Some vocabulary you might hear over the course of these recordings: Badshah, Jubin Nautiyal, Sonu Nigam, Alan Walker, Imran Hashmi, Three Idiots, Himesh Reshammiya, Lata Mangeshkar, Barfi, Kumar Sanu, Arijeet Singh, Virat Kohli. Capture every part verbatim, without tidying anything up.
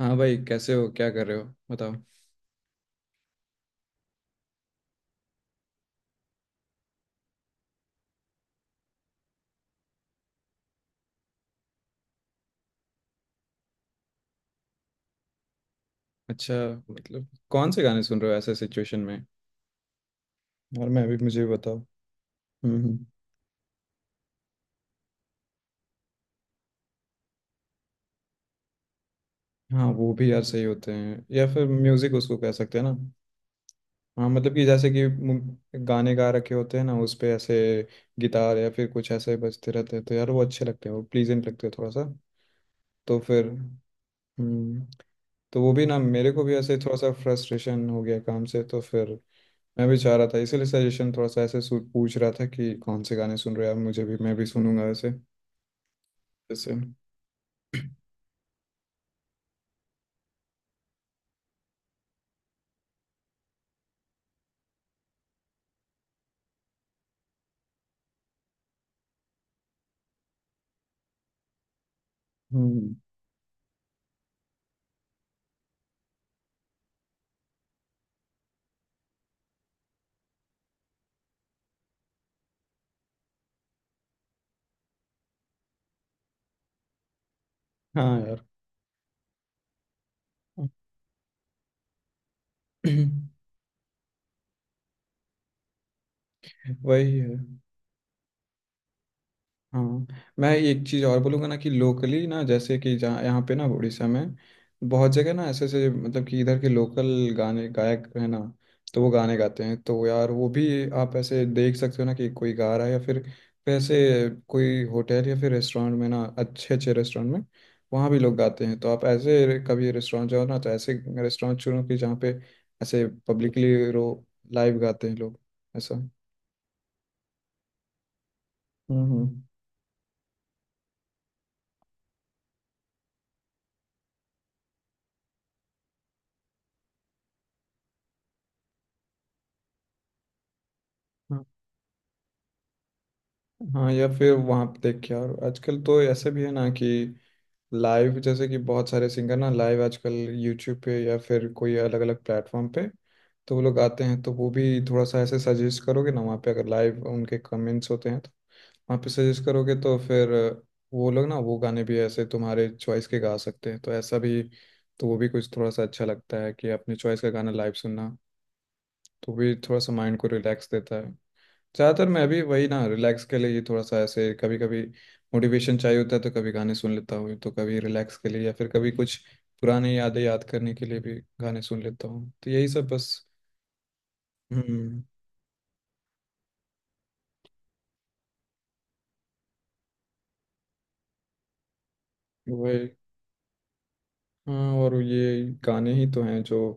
हाँ भाई, कैसे हो? क्या कर रहे हो? बताओ। अच्छा, मतलब कौन से गाने सुन रहे हो ऐसे सिचुएशन में? और मैं भी, मुझे भी बताओ। हम्म हम्म। हाँ वो भी यार सही होते हैं, या फिर म्यूजिक उसको कह सकते हैं ना। हाँ मतलब कि जैसे कि मु- गाने गा रखे होते हैं ना, उस पे ऐसे गिटार या फिर कुछ ऐसे बजते रहते हैं, तो यार वो अच्छे लगते हैं, वो प्लीजेंट लगते हैं थोड़ा सा। तो फिर हम्म, तो वो भी ना, मेरे को भी ऐसे थोड़ा सा फ्रस्ट्रेशन हो गया काम से, तो फिर मैं भी चाह रहा था, इसीलिए सजेशन थोड़ा सा ऐसे सु- पूछ रहा था कि कौन से गाने सुन रहे हो आप, मुझे भी, मैं भी सुनूंगा ऐसे। ऐसे हम्म, हाँ यार। वही है। हाँ मैं एक चीज़ और बोलूँगा ना, कि लोकली ना, जैसे कि जहाँ यहाँ पे ना उड़ीसा में बहुत जगह ना, ऐसे ऐसे मतलब कि इधर के लोकल गाने गायक है ना, तो वो गाने गाते हैं, तो यार वो भी आप ऐसे देख सकते हो ना, कि कोई गा रहा है। या फिर फिर ऐसे कोई होटल या फिर रेस्टोरेंट में ना, अच्छे अच्छे रेस्टोरेंट में वहाँ भी लोग गाते हैं, तो आप ऐसे कभी रेस्टोरेंट जाओ ना, तो ऐसे रेस्टोरेंट चुनो कि जहाँ पे ऐसे पब्लिकली रो लाइव गाते हैं लोग ऐसा। हम्म हम्म। हाँ, या फिर वहाँ पे देख के। और आजकल तो ऐसे भी है ना कि लाइव जैसे कि बहुत सारे सिंगर ना लाइव आजकल यूट्यूब पे या फिर कोई अलग अलग प्लेटफॉर्म पे, तो वो लोग आते हैं, तो वो भी थोड़ा सा ऐसे सजेस्ट करोगे ना, वहाँ पे अगर लाइव उनके कमेंट्स होते हैं, तो वहाँ पे सजेस्ट करोगे, तो फिर वो लोग ना वो गाने भी ऐसे तुम्हारे चॉइस के गा सकते हैं, तो ऐसा भी, तो वो भी कुछ थोड़ा सा अच्छा लगता है कि अपने चॉइस का गाना लाइव सुनना, तो भी थोड़ा सा माइंड को रिलैक्स देता है। ज़्यादातर मैं अभी वही ना, रिलैक्स के लिए, ये थोड़ा सा ऐसे कभी कभी मोटिवेशन चाहिए होता है, तो कभी गाने सुन लेता हूँ, तो कभी रिलैक्स के लिए, या फिर कभी कुछ पुराने यादें याद करने के लिए भी गाने सुन लेता हूँ। तो यही सब बस। हम्म वही। हाँ, और ये गाने ही तो हैं जो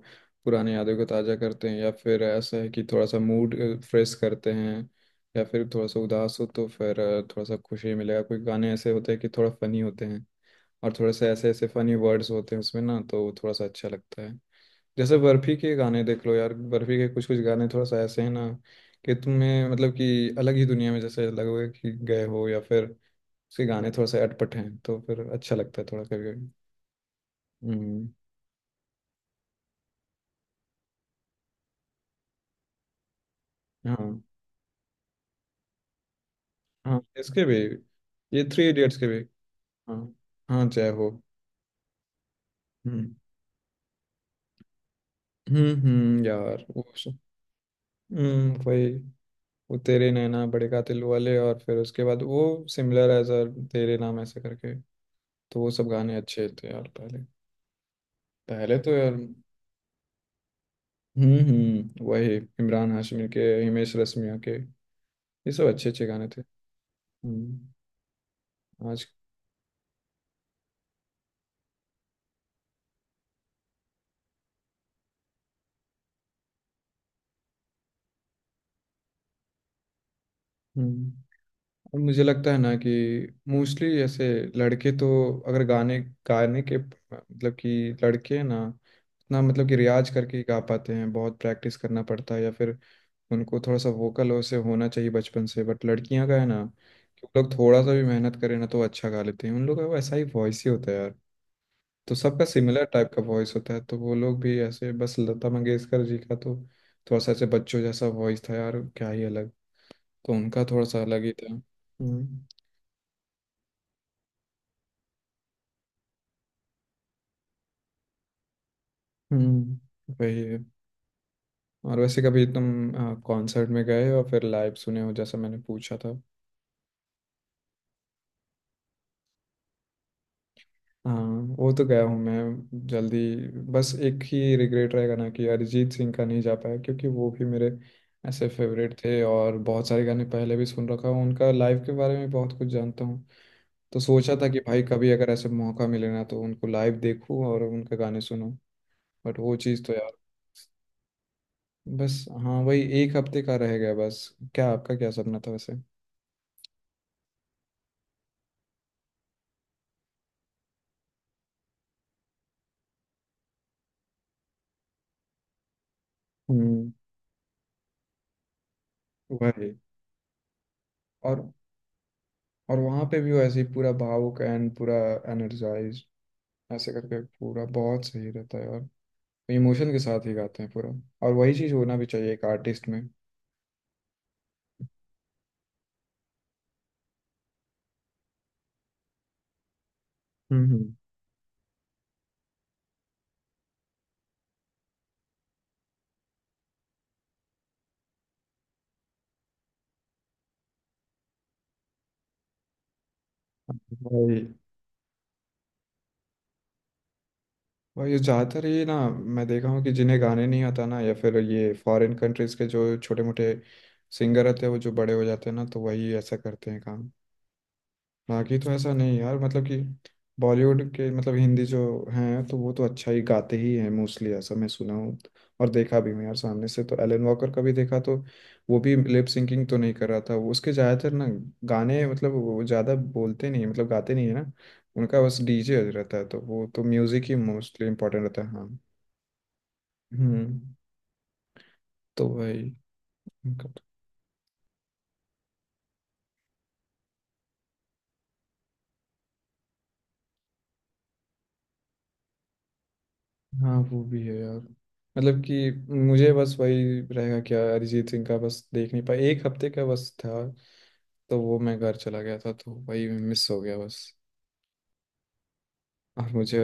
पुराने यादों को ताज़ा करते हैं, या फिर ऐसा है कि थोड़ा सा मूड फ्रेश करते हैं, या फिर थोड़ा सा उदास हो तो फिर अ, थोड़ा सा खुशी मिलेगा। कोई गाने ऐसे होते हैं कि थोड़ा फनी होते हैं, और थोड़े से ऐसे ऐसे फनी वर्ड्स होते हैं उसमें ना, तो वो थोड़ा सा अच्छा लगता है। जैसे बर्फी के गाने देख लो यार, बर्फी के कुछ कुछ गाने थोड़ा सा ऐसे हैं ना कि तुम्हें मतलब कि अलग ही दुनिया में जैसे लगोगे कि गए हो, या फिर उसके गाने थोड़ा सा अटपट हैं, तो फिर अच्छा लगता है थोड़ा कभी कभी। हम्म। हाँ। हाँ इसके भी, ये थ्री इडियट्स के भी। हाँ, हाँ जय हो। हम्म हम्म हम्म, यार वो सब- हम्म वही। वो तेरे नैना बड़े कातिल वाले, और फिर उसके बाद वो similar as uh Tere Naam ऐसे करके, तो वो सब गाने अच्छे थे यार पहले। पहले तो यार हम्म हम्म, वही इमरान हाशमी के, हिमेश रेशमिया के, ये सब अच्छे अच्छे गाने थे। हम्म। आज हम्म, और मुझे लगता है ना कि मोस्टली ऐसे लड़के तो अगर गाने गाने के मतलब कि लड़के हैं ना, ना मतलब कि रियाज करके ही गा पाते हैं, बहुत प्रैक्टिस करना पड़ता है, या फिर उनको थोड़ा सा वोकल उससे होना चाहिए बचपन से, बट लड़कियां का है ना कि वो लोग थोड़ा सा भी मेहनत करें ना, तो अच्छा गा लेते हैं। उन लोग का वैसा ही वॉइस ही होता है यार, तो सबका सिमिलर टाइप का वॉइस होता है, तो वो लोग भी ऐसे बस। लता मंगेशकर जी का तो थोड़ा सा ऐसे बच्चों जैसा वॉइस था यार, क्या ही अलग, तो उनका थोड़ा सा अलग ही था। हम्म हम्म वही है। और वैसे कभी तुम कॉन्सर्ट में गए हो और फिर लाइव सुने हो, जैसा मैंने पूछा था। हाँ, वो तो गया हूँ मैं जल्दी, बस एक ही रिग्रेट रहेगा ना कि अरिजीत सिंह का नहीं जा पाया, क्योंकि वो भी मेरे ऐसे फेवरेट थे, और बहुत सारे गाने पहले भी सुन रखा हूँ, उनका लाइव के बारे में बहुत कुछ जानता हूँ, तो सोचा था कि भाई कभी अगर ऐसे मौका मिले ना, तो उनको लाइव देखूँ और उनके गाने सुनूँ, बट वो चीज़ तो यार बस। हाँ वही एक हफ्ते का रह गया बस। क्या आपका क्या सपना था वैसे? हम्म वही। और और वहाँ पे भी वो ऐसे ही पूरा भावुक एंड पूरा एनर्जाइज ऐसे करके पूरा बहुत सही रहता है यार, इमोशन के साथ ही गाते हैं पूरा, और वही चीज़ होना भी चाहिए एक आर्टिस्ट में। हम्म हम्म। भाई भाई ज़्यादातर ये ना मैं देखा हूँ कि जिन्हें गाने नहीं आता ना, या फिर ये फॉरेन कंट्रीज के जो छोटे मोटे सिंगर रहते हैं वो जो बड़े हो जाते हैं ना, तो वही ऐसा करते हैं काम। बाकी तो ऐसा नहीं यार, मतलब कि बॉलीवुड के, मतलब हिंदी जो हैं, तो वो तो अच्छा ही गाते ही हैं मोस्टली, ऐसा मैं सुना हूँ और देखा भी हूँ यार सामने से। तो एलन वॉकर का भी देखा, तो वो भी लिप सिंकिंग तो नहीं कर रहा था। वो उसके ज़्यादातर ना गाने मतलब वो ज़्यादा बोलते नहीं है, मतलब गाते नहीं है ना, उनका बस डीजे रहता है, तो वो तो म्यूज़िक ही मोस्टली इम्पोर्टेंट रहता है हाँ। हम्म, तो वही। हाँ वो भी है यार, मतलब कि मुझे बस वही रहेगा क्या अरिजीत सिंह का, बस देख नहीं पाया, एक हफ्ते का बस था, तो वो मैं घर चला गया था, तो वही मिस हो गया बस। और मुझे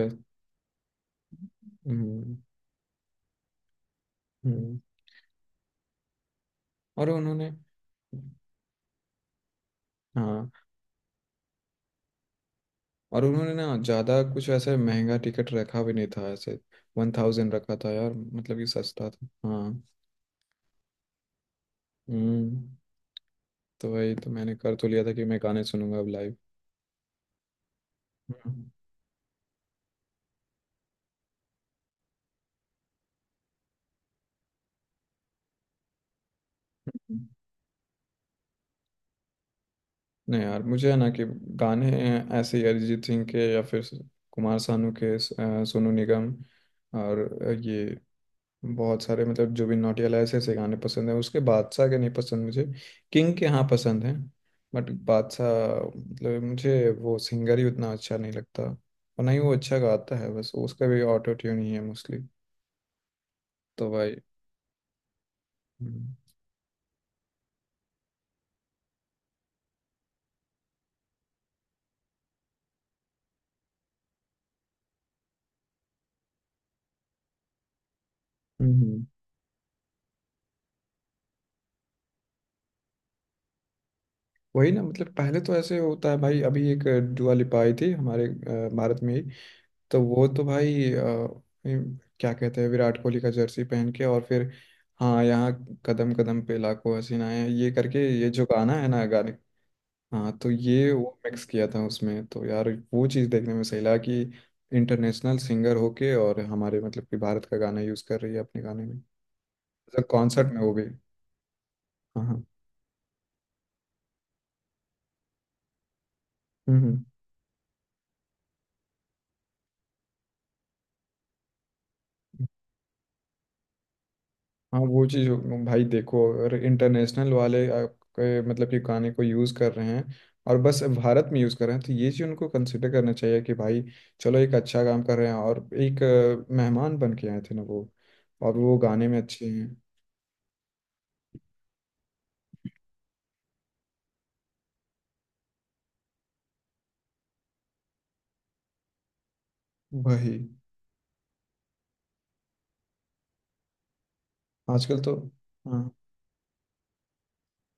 हम्म, हम्म। और उन्होंने, हाँ और उन्होंने ना ज़्यादा कुछ ऐसे महंगा टिकट रखा भी नहीं था ऐसे, वन थाउजेंड रखा था यार, मतलब कि सस्ता था हाँ। हम्म, तो वही तो मैंने कर तो लिया था कि मैं गाने सुनूंगा अब लाइव। नहीं यार, मुझे है ना कि गाने ऐसे ही अरिजीत सिंह के या फिर कुमार सानू के स- अ, सोनू निगम और ये बहुत सारे, मतलब जुबिन नौटियाल, ऐसे ऐसे गाने पसंद हैं उसके। बादशाह के नहीं पसंद मुझे, किंग के हाँ पसंद हैं, बट बादशाह मतलब मुझे वो सिंगर ही उतना अच्छा नहीं लगता, और ना ही वो अच्छा गाता है, बस उसका भी ऑटो ट्यून ही है मोस्टली, तो भाई। हम्म हम्म। हम्म। वही ना, मतलब पहले तो ऐसे होता है भाई, अभी एक दुआ लिपाई थी हमारे अ, भारत में ही, तो वो तो भाई अ, ये क्या कहते हैं, विराट कोहली का जर्सी पहन के और फिर, हाँ यहाँ कदम कदम पे लाखों हसीनाएं ये करके ये जो गाना है ना गाने, हाँ तो ये वो मिक्स किया था उसमें, तो यार वो चीज़ देखने में सही लगा कि इंटरनेशनल सिंगर होके और हमारे मतलब कि भारत का गाना यूज़ कर रही है अपने गाने में, कॉन्सर्ट में वो भी। हाँ हाँ। हम्म हम्म। हाँ वो चीज़ हो- भाई देखो, अगर इंटरनेशनल वाले आपके मतलब कि गाने को यूज़ कर रहे हैं और बस भारत में यूज़ कर रहे हैं, तो ये चीज़ उनको कंसिडर करना चाहिए कि भाई चलो एक अच्छा काम कर रहे हैं, और एक अ, मेहमान बन के आए थे ना वो, और वो गाने में अच्छे हैं। वही आजकल तो। हाँ,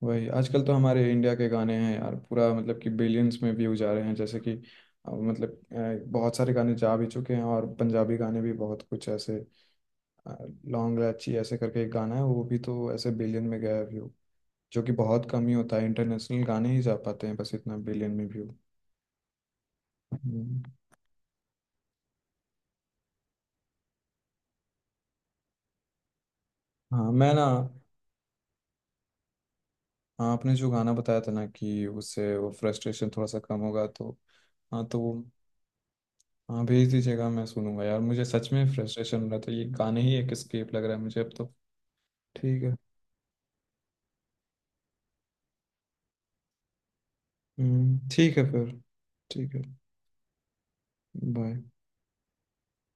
वही आजकल तो हमारे इंडिया के गाने हैं यार, पूरा मतलब कि बिलियंस में व्यू जा रहे हैं, जैसे कि अ, मतलब अ, बहुत सारे गाने जा भी चुके हैं, और पंजाबी गाने भी बहुत कुछ ऐसे, लॉन्ग लाची ऐसे करके एक गाना है, वो भी तो ऐसे बिलियन में गया व्यू, जो कि बहुत कम ही होता है, इंटरनेशनल गाने ही जा पाते हैं बस इतना बिलियन में व्यू। हम्म, हाँ मैं ना, हाँ आपने जो गाना बताया था ना कि उससे वो फ्रस्ट्रेशन थोड़ा सा कम होगा, तो हाँ तो वो, हाँ भेज दीजिएगा, मैं सुनूंगा यार, मुझे सच में फ्रस्ट्रेशन हो रहा था, ये गाने ही एक एस्केप लग रहा है मुझे अब तो। ठीक है। हम्म, ठीक है फिर। ठीक है। बाय।